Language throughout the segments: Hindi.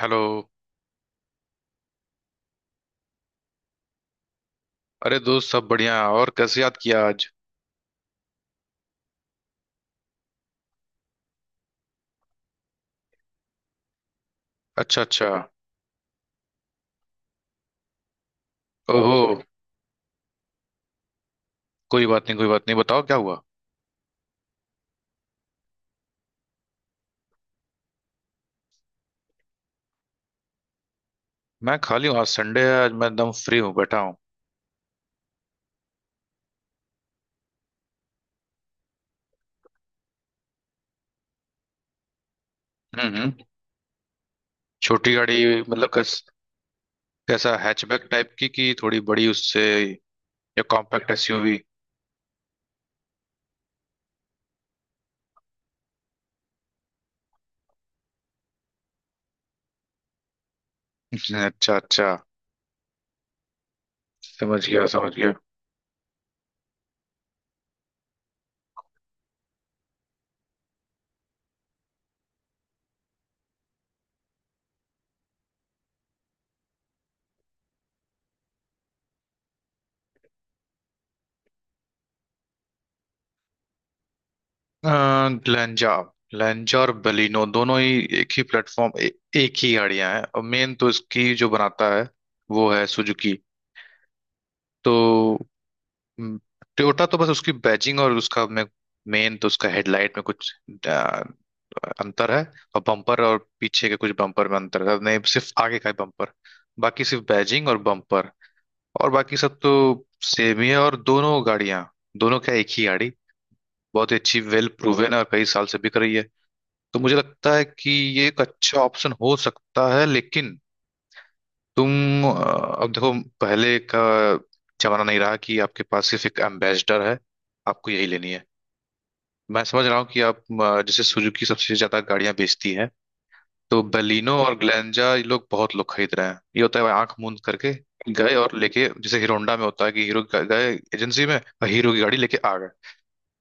हेलो। अरे दोस्त, सब बढ़िया। और कैसे याद किया आज? अच्छा अच्छा। ओहो, कोई बात नहीं। बताओ क्या हुआ। मैं खाली हूँ, आज संडे है, आज मैं एकदम फ्री हूँ, बैठा हूँ। हम्म। छोटी गाड़ी मतलब कैसा? हैचबैक टाइप की कि थोड़ी बड़ी उससे, या कॉम्पैक्ट एसयूवी? अच्छा अच्छा, समझ गया। ग्लेंजा। ग्लेंजा और बलिनो दोनों ही एक ही प्लेटफॉर्म एक ही गाड़ियां हैं। और मेन तो इसकी जो बनाता है, वो है सुजुकी। तो टोयोटा तो बस उसकी बैजिंग और उसका में, मेन तो उसका हेडलाइट में कुछ आ, अंतर है। और बम्पर, और पीछे के कुछ बम्पर में अंतर है, नहीं सिर्फ आगे का ही बम्पर। बाकी सिर्फ बैजिंग और बम्पर, और बाकी सब तो सेम ही है। और दोनों गाड़ियां, दोनों क्या, एक ही गाड़ी बहुत ही अच्छी, वेल प्रूवन है और कई साल से बिक रही है। तो मुझे लगता है कि ये एक अच्छा ऑप्शन हो सकता है। लेकिन तुम, अब देखो, पहले का जमाना नहीं रहा कि आपके पास सिर्फ एक एम्बेसडर है, आपको यही लेनी है। मैं समझ रहा हूँ कि आप, जैसे सुजुकी सबसे ज्यादा गाड़ियां बेचती है, तो बलिनो और ग्लेंजा ये लोग, बहुत लोग खरीद रहे हैं। ये होता है आंख मूंद करके गए और लेके, जैसे हीरो होंडा में होता है कि हीरो गए एजेंसी में और हीरो की गाड़ी लेके आ गए।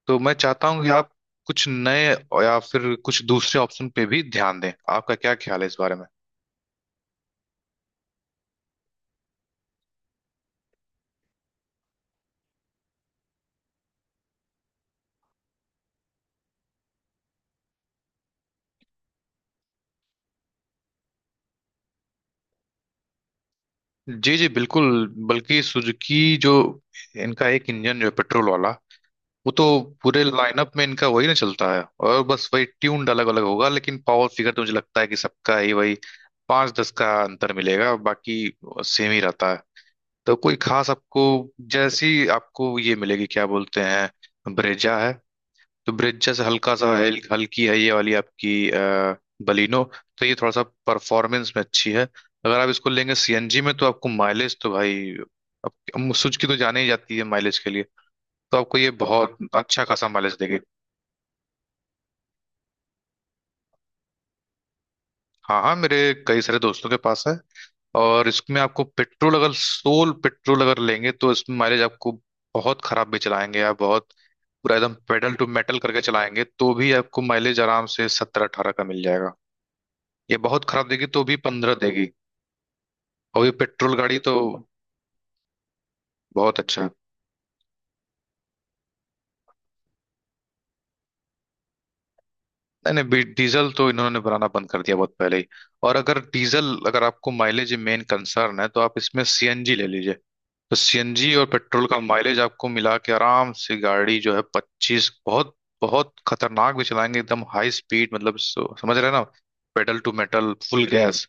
तो मैं चाहता हूँ कि आप कुछ नए या फिर कुछ दूसरे ऑप्शन पे भी ध्यान दें। आपका क्या ख्याल है इस बारे में? जी जी बिल्कुल। बल्कि सुजुकी जो, इनका एक इंजन जो है, पेट्रोल वाला, वो तो पूरे लाइनअप में इनका वही ना चलता है। और बस वही ट्यून अलग अलग होगा, लेकिन पावर फिगर तो मुझे लगता है कि सबका ही वही, 5 10 का अंतर मिलेगा, बाकी सेम ही रहता है। तो कोई खास आपको, जैसी आपको ये मिलेगी, क्या बोलते हैं, ब्रेजा है, तो ब्रिज जैसे हल्का सा हल्की है ये वाली आपकी बलिनो। तो ये थोड़ा सा परफॉर्मेंस में अच्छी है। अगर आप इसको लेंगे सीएनजी में, तो आपको माइलेज तो भाई, अब सुजुकी तो जाने ही जाती है माइलेज के लिए, तो आपको ये बहुत अच्छा खासा माइलेज देगी। हाँ हाँ, मेरे कई सारे दोस्तों के पास है। और इसमें आपको पेट्रोल अगर, सोल पेट्रोल अगर लेंगे, तो इसमें माइलेज आपको, बहुत खराब भी चलाएंगे आप, बहुत पूरा एकदम पेडल टू मेटल करके चलाएंगे तो भी आपको माइलेज आराम से 17 18 का मिल जाएगा। ये बहुत खराब देगी तो भी 15 देगी। और ये पेट्रोल गाड़ी तो बहुत अच्छा है। नहीं नहीं, डीजल तो इन्होंने बनाना बंद कर दिया बहुत पहले ही। और अगर डीजल, अगर आपको माइलेज मेन कंसर्न है, तो आप इसमें सीएनजी ले लीजिए। तो सीएनजी और पेट्रोल का माइलेज आपको मिला के आराम से गाड़ी जो है 25, बहुत बहुत खतरनाक भी चलाएंगे, एकदम हाई स्पीड मतलब समझ रहे हैं ना, pedal to metal full gas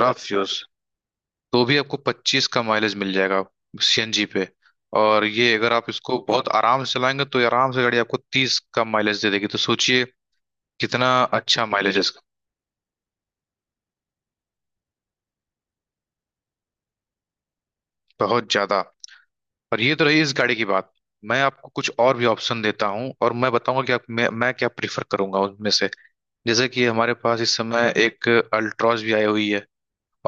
rough use, तो भी आपको 25 का माइलेज मिल जाएगा सीएनजी पे। और ये अगर आप इसको बहुत आराम से चलाएंगे तो ये आराम से गाड़ी आपको 30 का माइलेज दे देगी। तो सोचिए कितना अच्छा माइलेज है इसका, बहुत ज्यादा। और ये तो रही इस गाड़ी की बात। मैं आपको कुछ और भी ऑप्शन देता हूँ, और मैं बताऊंगा कि आप, मैं क्या प्रीफर करूंगा उनमें से। जैसे कि हमारे पास इस समय एक अल्ट्रॉज भी आई हुई है।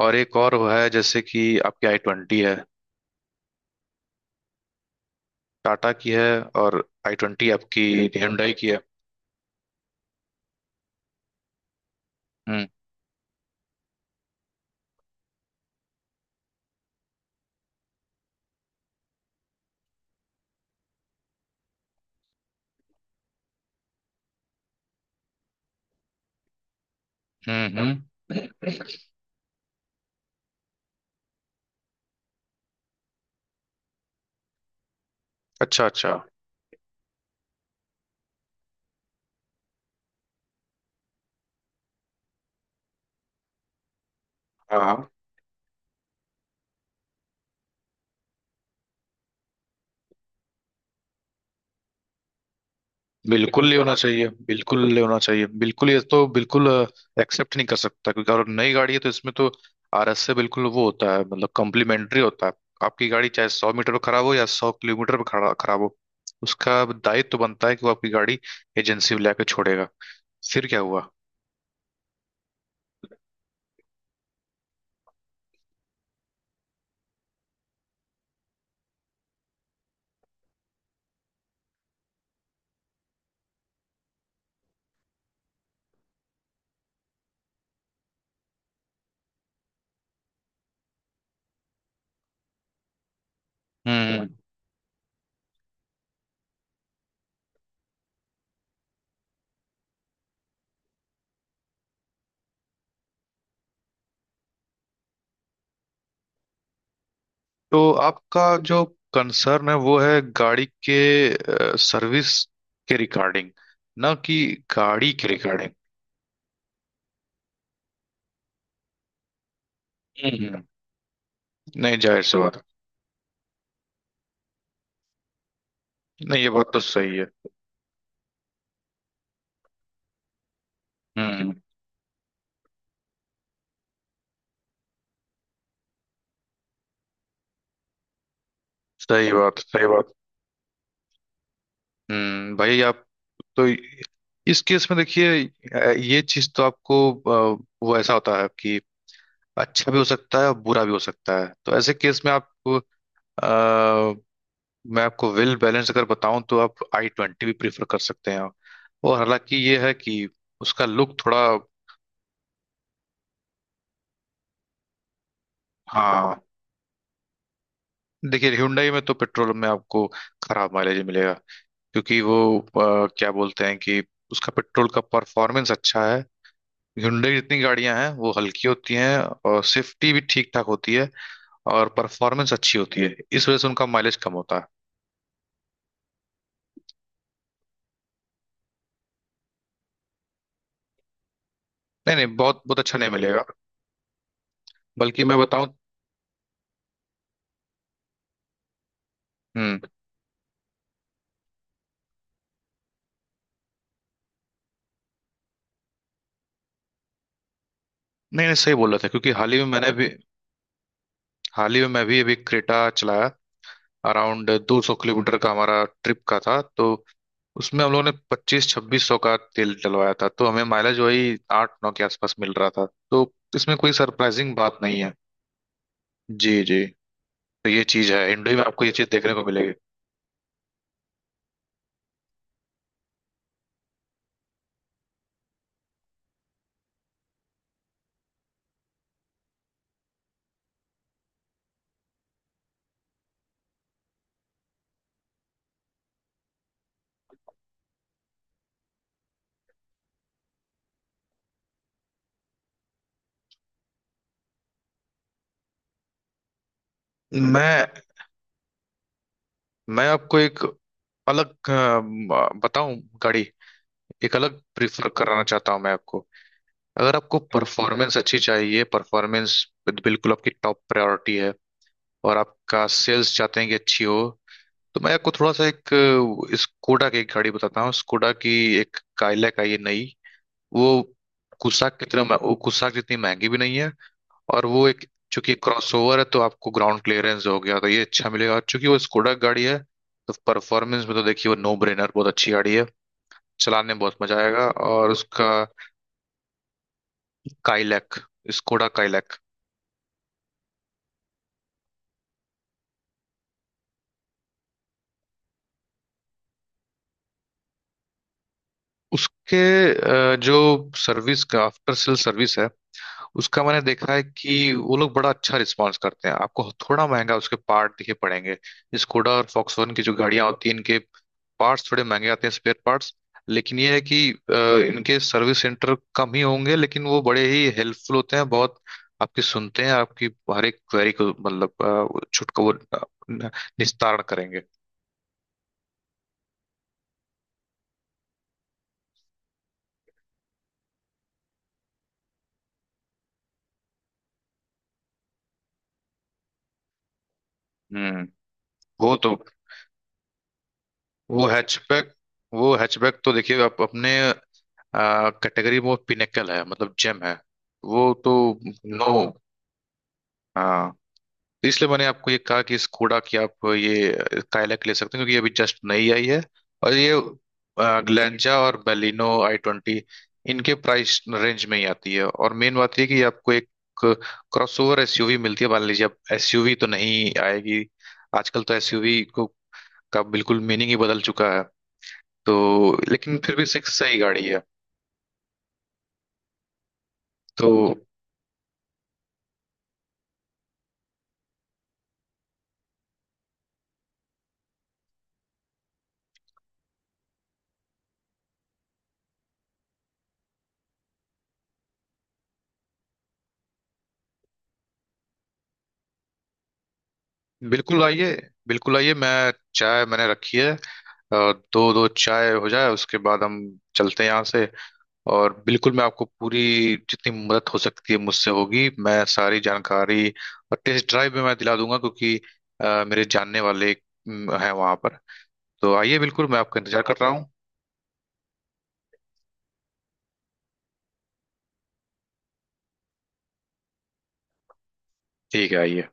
और एक और है जैसे कि आपकी आई ट्वेंटी है। टाटा की है, और आई ट्वेंटी आपकी Hyundai की है। हम्म हम्म। अच्छा अच्छा। हाँ हाँ, बिल्कुल नहीं होना चाहिए, बिल्कुल नहीं होना चाहिए, बिल्कुल, ये तो बिल्कुल एक्सेप्ट नहीं कर सकता। क्योंकि अगर नई गाड़ी है तो इसमें तो आरएस से बिल्कुल वो होता है, मतलब कॉम्प्लीमेंट्री होता है। आपकी गाड़ी चाहे 100 मीटर पर खराब हो या 100 किलोमीटर पर खड़ा खराब हो, उसका दायित्व तो बनता है कि वो आपकी गाड़ी एजेंसी में लाके छोड़ेगा। फिर क्या हुआ? हम्म। तो आपका जो कंसर्न है, वो है गाड़ी के सर्विस के रिगार्डिंग, ना कि गाड़ी के रिगार्डिंग। हम्म, नहीं जाहिर सी बात है। नहीं ये बात तो सही है। हम्म। सही बात, सही बात। हम्म, भाई आप तो, इस केस में देखिए, ये चीज तो आपको, वो ऐसा होता है कि अच्छा भी हो सकता है और बुरा भी हो सकता है। तो ऐसे केस में आप, अ, मैं आपको वेल बैलेंस अगर बताऊं तो आप आई ट्वेंटी भी प्रीफर कर सकते हैं। और हालांकि ये है कि उसका लुक थोड़ा, हाँ। देखिए Hyundai में तो पेट्रोल में आपको खराब माइलेज मिलेगा। क्योंकि वो, क्या बोलते हैं कि उसका पेट्रोल का परफॉर्मेंस अच्छा है। hyundai की जितनी गाड़ियां हैं वो हल्की होती हैं, और सेफ्टी भी ठीक ठाक होती है, और परफॉर्मेंस अच्छी होती है, इस वजह से उनका माइलेज कम होता है। नहीं नहीं, बहुत बहुत अच्छा नहीं मिलेगा। बल्कि मैं बताऊं, हम्म, नहीं नहीं, सही बोल रहा था। क्योंकि हाल ही में मैंने भी, हाल ही में मैं भी अभी क्रेटा चलाया, अराउंड 200 किलोमीटर का हमारा ट्रिप का था, तो उसमें हम लोगों ने 2500 2600 का तेल डलवाया था, तो हमें माइलेज वही 8 9 के आसपास मिल रहा था। तो इसमें कोई सरप्राइजिंग बात नहीं है। जी जी। तो ये चीज है, हिंडई में आपको ये चीज देखने को मिलेगी। मैं मैं आपको एक अलग, बताऊं, गाड़ी एक अलग प्रीफर कराना चाहता हूं मैं आपको। अगर आपको परफॉर्मेंस अच्छी चाहिए, परफॉर्मेंस बिल्कुल आपकी टॉप प्रायोरिटी है, और आपका सेल्स चाहते हैं कि अच्छी हो, तो मैं आपको थोड़ा सा एक, स्कोडा की एक गाड़ी बताता हूँ। स्कोडा की एक काइलैक आई है नई। वो कुसाक कितना, वो कुसाक जितनी महंगी भी नहीं है। और वो एक, चूंकि क्रॉसओवर है, तो आपको ग्राउंड क्लियरेंस हो गया तो ये अच्छा मिलेगा। और चूंकि वो स्कोडा गाड़ी है, तो परफॉर्मेंस में तो देखिए वो नो ब्रेनर, बहुत अच्छी गाड़ी है। चलाने में बहुत मजा आएगा। और उसका काइलैक, स्कोडा काइलैक। उसके, जो सर्विस का आफ्टर सेल सर्विस है, उसका मैंने देखा है कि वो लोग बड़ा अच्छा रिस्पॉन्स करते हैं। आपको थोड़ा महंगा उसके पार्ट दिखे पड़ेंगे। स्कोडा और फॉक्सवैगन की जो गाड़ियां होती हैं, इनके पार्ट्स थोड़े महंगे आते हैं, स्पेयर पार्ट्स। लेकिन ये है कि, अ, इनके सर्विस सेंटर कम ही होंगे, लेकिन वो बड़े ही हेल्पफुल होते हैं। बहुत आपकी सुनते हैं, आपकी हर एक क्वेरी को, मतलब, छुटका वो, निस्तारण करेंगे। हम्म। वो तो, वो हैचबैक वो हैचबैक तो देखिए, आप अपने कैटेगरी में पिनेकल है, मतलब जेम है। वो तो नो। तो इसलिए मैंने आपको ये कहा कि इस कूड़ा की आप ये काइलैक ले सकते हैं। क्योंकि ये अभी जस्ट नई आई है। और ये ग्लेंजा और बेलिनो, आई ट्वेंटी, इनके प्राइस रेंज में ही आती है। और मेन बात ये है कि ये आपको एक क्रॉसओवर एसयूवी मिलती है। मान लीजिए, अब एसयूवी तो नहीं आएगी, आजकल तो एसयूवी को का बिल्कुल मीनिंग ही बदल चुका है। तो लेकिन फिर भी सिक्स सही गाड़ी है। तो बिल्कुल आइए, बिल्कुल आइए। मैं चाय मैंने रखी है, और दो दो चाय हो जाए, उसके बाद हम चलते हैं यहाँ से। और बिल्कुल मैं आपको पूरी जितनी मदद हो सकती है मुझसे, होगी। मैं सारी जानकारी और टेस्ट ड्राइव भी मैं दिला दूंगा। क्योंकि मेरे जानने वाले हैं वहाँ पर। तो आइए, बिल्कुल मैं आपका इंतजार कर रहा हूँ। ठीक है, आइए।